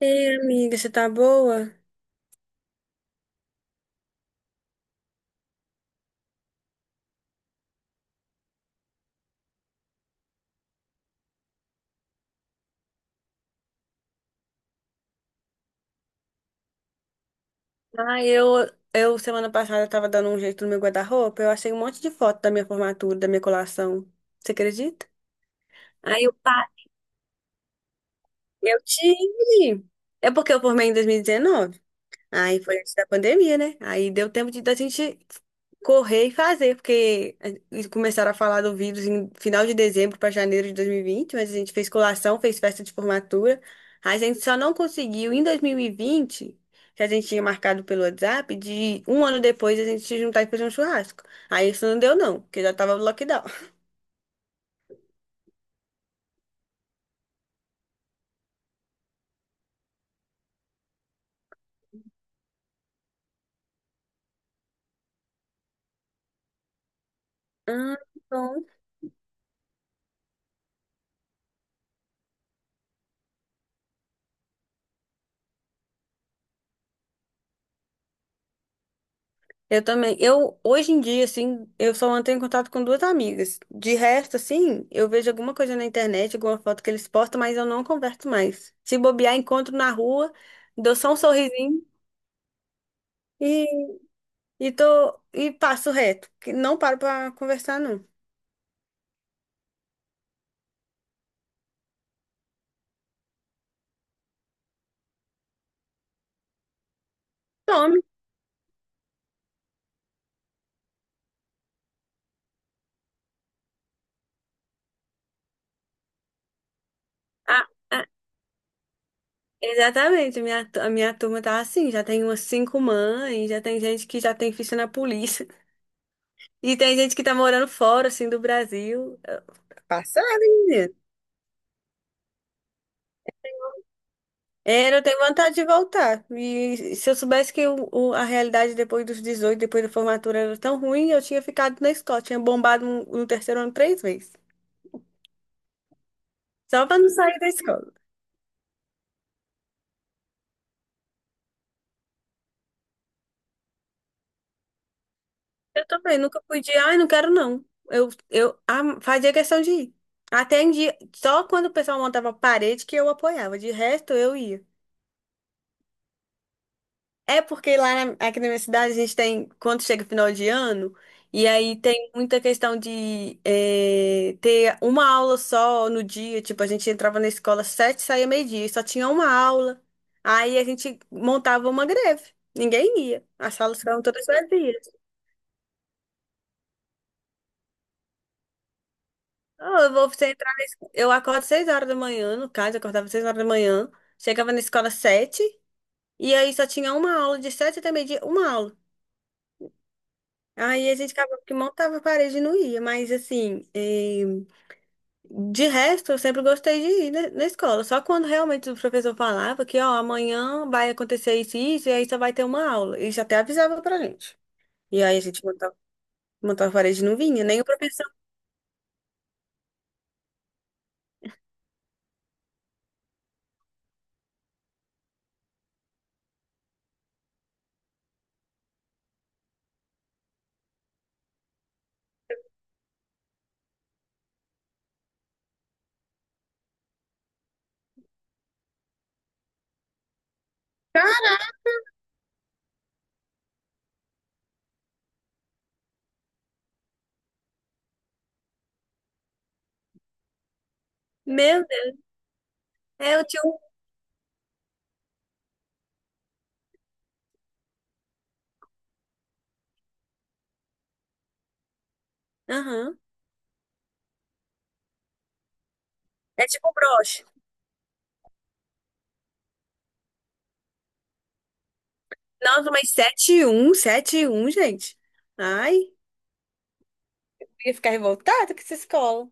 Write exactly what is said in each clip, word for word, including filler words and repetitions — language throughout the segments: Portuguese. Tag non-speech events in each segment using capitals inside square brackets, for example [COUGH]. Ei, amiga, você tá boa? Ah, eu, eu semana passada tava dando um jeito no meu guarda-roupa, eu achei um monte de foto da minha formatura, da minha colação. Você acredita? Aí eu, pa- eu tive. É porque eu formei em dois mil e dezenove. Aí foi antes da pandemia, né? Aí deu tempo de da gente correr e fazer, porque eles começaram a falar do vírus em final de dezembro para janeiro de dois mil e vinte. Mas a gente fez colação, fez festa de formatura. Aí a gente só não conseguiu em dois mil e vinte, que a gente tinha marcado pelo WhatsApp, de um ano depois a gente se juntar e fazer um churrasco. Aí isso não deu não, porque já tava no lockdown. Ah, bom. Eu também. Eu, hoje em dia, assim, eu só mantenho contato com duas amigas. De resto, assim, eu vejo alguma coisa na internet, alguma foto que eles postam, mas eu não converso mais. Se bobear, encontro na rua, dou só um sorrisinho e, e tô, e passo reto, que não paro pra conversar, não. Some. Ah, ah, exatamente. A minha, tu- a minha turma tá assim, já tem umas cinco mães, já tem gente que já tem ficha na polícia. [LAUGHS] E tem gente que tá morando fora, assim, do Brasil. Passada, hein. Era, eu tenho vontade de voltar. E se eu soubesse que o- o- a realidade depois dos dezoito, depois da formatura era tão ruim, eu tinha ficado na escola. Tinha bombado no, no terceiro ano três vezes. Só pra não sair da escola. Eu também, nunca fui de, ai, não quero não. Eu, eu am- fazia questão de ir. Até em dia, só quando o pessoal montava parede que eu apoiava. De resto, eu ia. É porque lá na- aqui na minha cidade a gente tem, quando chega final de ano, e aí tem muita questão de eh, ter uma aula só no dia. Tipo, a gente entrava na escola às sete, saía meio-dia, e só tinha uma aula. Aí a gente montava uma greve. Ninguém ia. As salas ficavam todas vazias. Ah, eu vou você entrar na escola. Eu acordo seis horas da manhã, no caso, eu acordava seis horas da manhã, chegava na escola às sete, e aí só tinha uma aula de sete até meio-dia, uma aula. Aí a gente acabou que montava a parede e não ia, mas assim, eh, de resto eu sempre gostei de ir na, na escola. Só quando realmente o professor falava que, ó, amanhã vai acontecer isso e isso, e aí só vai ter uma aula. Ele já até avisava pra gente. E aí a gente montava, montava a parede e não vinha, nem o professor. Ah, meu Deus. É, eu tinha um. Aham. É tipo um broche. Nossa, mas sete e um, sete e um, gente. Ai, eu ia ficar revoltada com essa escola.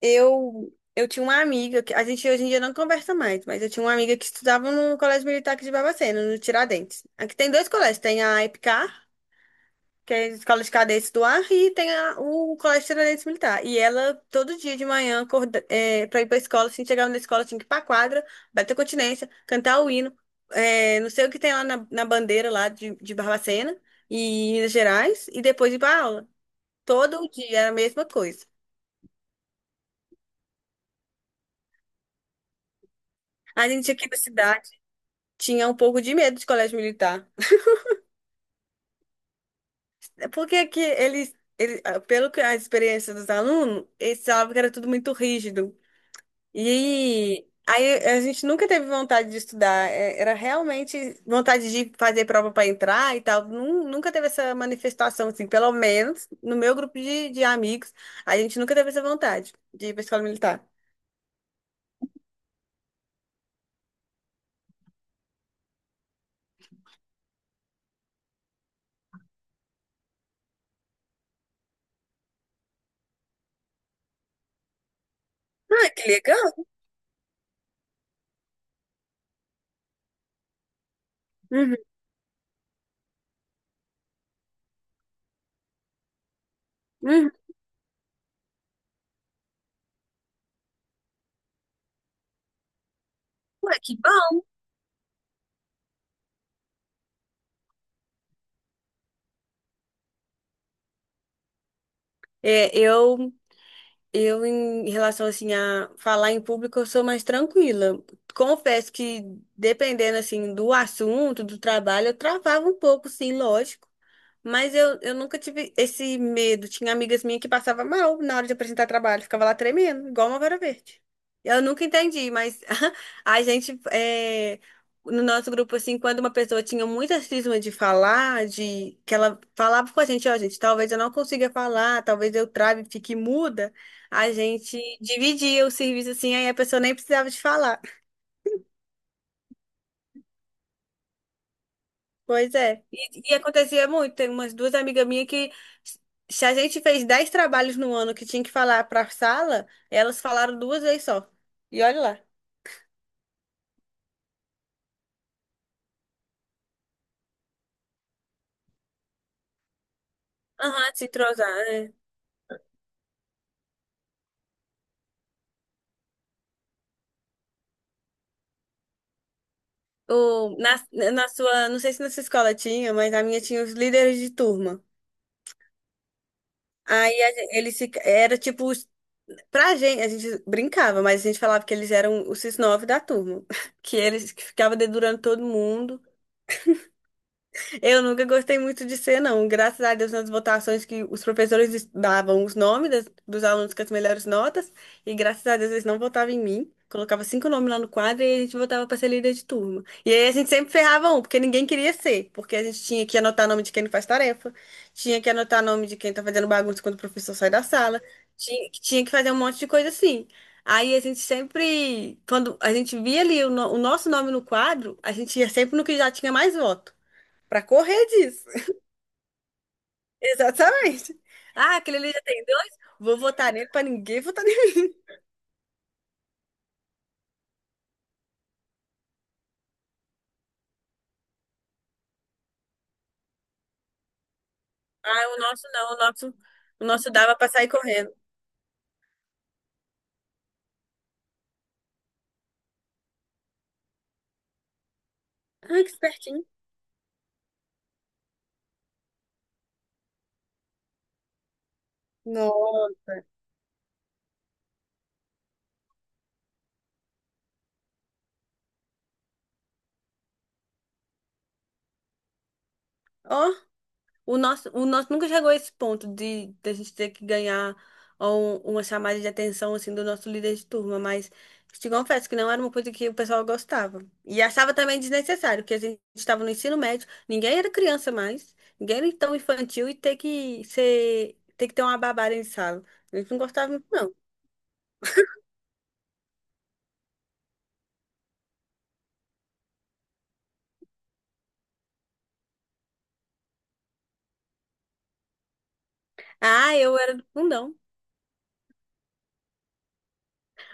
Eu, eu tinha uma amiga, que a gente hoje em dia não conversa mais, mas eu tinha uma amiga que estudava no Colégio Militar aqui de Barbacena, no Tiradentes. Aqui tem dois colégios, tem a EPCAR, que é a Escola de Cadetes do Ar, e tem a- o Colégio Tiradentes Militar. E ela, todo dia de manhã, acorda, é, para ir pra escola, assim, chegava na escola, tinha que ir pra quadra, bater continência, cantar o hino, é, não sei o que tem lá na, na bandeira lá de, de Barbacena e Minas Gerais, e depois ir pra aula. Todo dia era a mesma coisa. A gente aqui na cidade tinha um pouco de medo de colégio militar. É. Porque que eles, eles, ah, pelo que a experiência dos alunos, eles falavam que era tudo muito rígido. E aí a gente nunca teve vontade de estudar. É, era realmente vontade de fazer prova para entrar e tal. Nun- Nunca teve essa manifestação, assim, pelo menos no meu grupo de, de amigos, a gente nunca teve essa vontade de ir para escola militar. Ah, que legal. Uhum, uhum. Ué, que bom. É, eu Eu, em relação assim a falar em público, eu sou mais tranquila. Confesso que dependendo assim do assunto, do trabalho, eu travava um pouco, sim, lógico. Mas eu, eu nunca tive esse medo. Tinha amigas minhas que passavam mal na hora de apresentar trabalho, ficava lá tremendo, igual uma vara verde. Eu nunca entendi, mas [LAUGHS] a gente, é, no nosso grupo, assim, quando uma pessoa tinha muita cisma de falar, de que ela falava com a gente, ó, gente, talvez eu não consiga falar, talvez eu trave, fique muda, a gente dividia o serviço assim, aí a pessoa nem precisava de falar. Pois é. E, e acontecia muito. Tem umas duas amigas minhas que, se a gente fez dez trabalhos no ano que tinha que falar para sala, elas falaram duas vezes só. E olha lá. Aham, se entrosar, é. O, na, na sua, não sei se na sua escola tinha, mas na minha tinha os líderes de turma. Aí a gen- eles se, era tipo, os- pra gente, a gente brincava, mas a gente falava que eles eram os nove da turma, [LAUGHS] que eles que ficavam dedurando todo mundo. Eu nunca gostei muito de ser, não. Graças a Deus, nas votações que os professores davam os nomes das- dos alunos com as melhores notas, e graças a Deus eles não votavam em mim. Colocava cinco nomes lá no quadro e a gente votava para ser líder de turma. E aí a gente sempre ferrava um, porque ninguém queria ser, porque a gente tinha que anotar nome de quem não faz tarefa, tinha que anotar nome de quem tá fazendo bagunça quando o professor sai da sala, tinha, tinha que fazer um monte de coisa assim. Aí a gente sempre, quando a gente via ali o, no- o nosso nome no quadro, a gente ia sempre no que já tinha mais voto. Pra correr disso. [LAUGHS] Exatamente. Ah, aquele ali já tem dois? Vou votar nele pra ninguém votar nele. Ah, o nosso não, o nosso, o nosso dava pra sair correndo. Ah, que espertinho. Nossa. Ó, O nosso, o nosso nunca chegou a esse ponto de, de a gente ter que ganhar um- uma chamada de atenção assim do nosso líder de turma, mas te confesso que não era uma coisa que o pessoal gostava. E achava também desnecessário, porque a gente estava no ensino médio, ninguém era criança mais, ninguém era tão infantil e ter que ser, ter que ter uma babada em sala. A gente não gostava muito, não. Ah, eu era do fundão.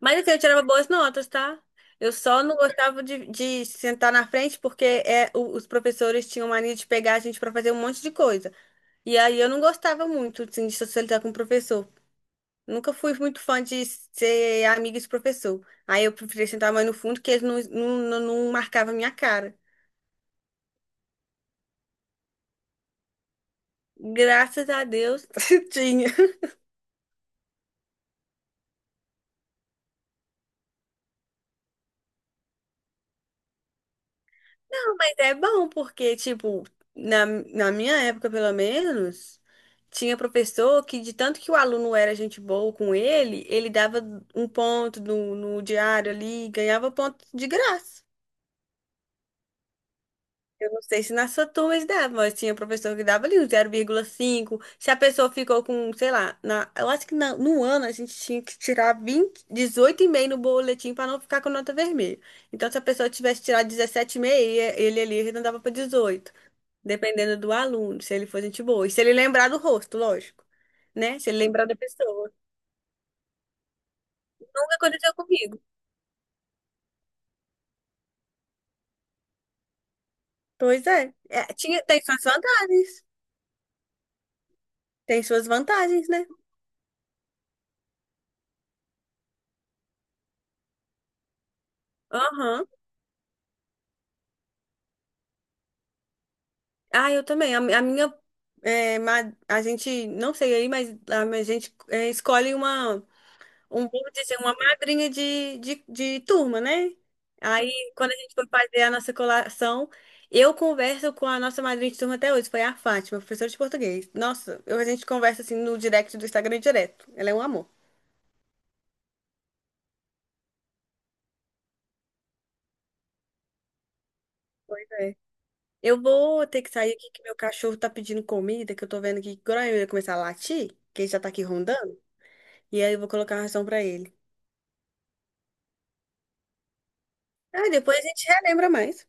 Mas assim, eu tirava boas notas, tá? Eu só não gostava de, de sentar na frente porque é, o- os professores tinham mania de pegar a gente pra fazer um monte de coisa. E aí eu não gostava muito, assim, de socializar com o professor. Nunca fui muito fã de ser amiga de professor. Aí eu preferia sentar mais no fundo que eles não, não, não, não marcavam a minha cara. Graças a Deus, [LAUGHS] tinha. Não, mas é bom porque, tipo, na, na minha época, pelo menos, tinha professor que, de tanto que o aluno era gente boa com ele, ele dava um ponto no, no diário ali, ganhava ponto de graça. Eu não sei se nas sua turma dava, mas tinha professor que dava ali um zero vírgula cinco. Se a pessoa ficou com, sei lá, na, eu acho que na- no ano a gente tinha que tirar vinte, dezoito e meio no boletim para não ficar com nota vermelha. Então, se a pessoa tivesse tirado dezessete e meio, ele ali arredondava para dezoito, dependendo do aluno, se ele for gente boa. E se ele lembrar do rosto, lógico, né? Se ele lembrar da pessoa. Nunca aconteceu comigo. Pois é. É, tinha, tem suas vantagens. Tem suas vantagens, né? Aham. Ah, eu também. A, a minha. é, ma- a gente, não sei aí, mas a, a gente é, escolhe uma. Um, vamos dizer, uma madrinha de, de, de turma, né? Aí, quando a gente foi fazer a nossa colação, eu converso com a nossa madrinha de turma até hoje, foi a Fátima, professora de português. Nossa, eu, a gente conversa assim no direct do Instagram direto. Ela é um amor. É. Eu vou ter que sair aqui que meu cachorro tá pedindo comida, que eu tô vendo aqui que agora ele vai começar a latir, que ele já tá aqui rondando, e aí eu vou colocar a ração pra ele. Ah, depois a gente relembra mais.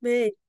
Beijo.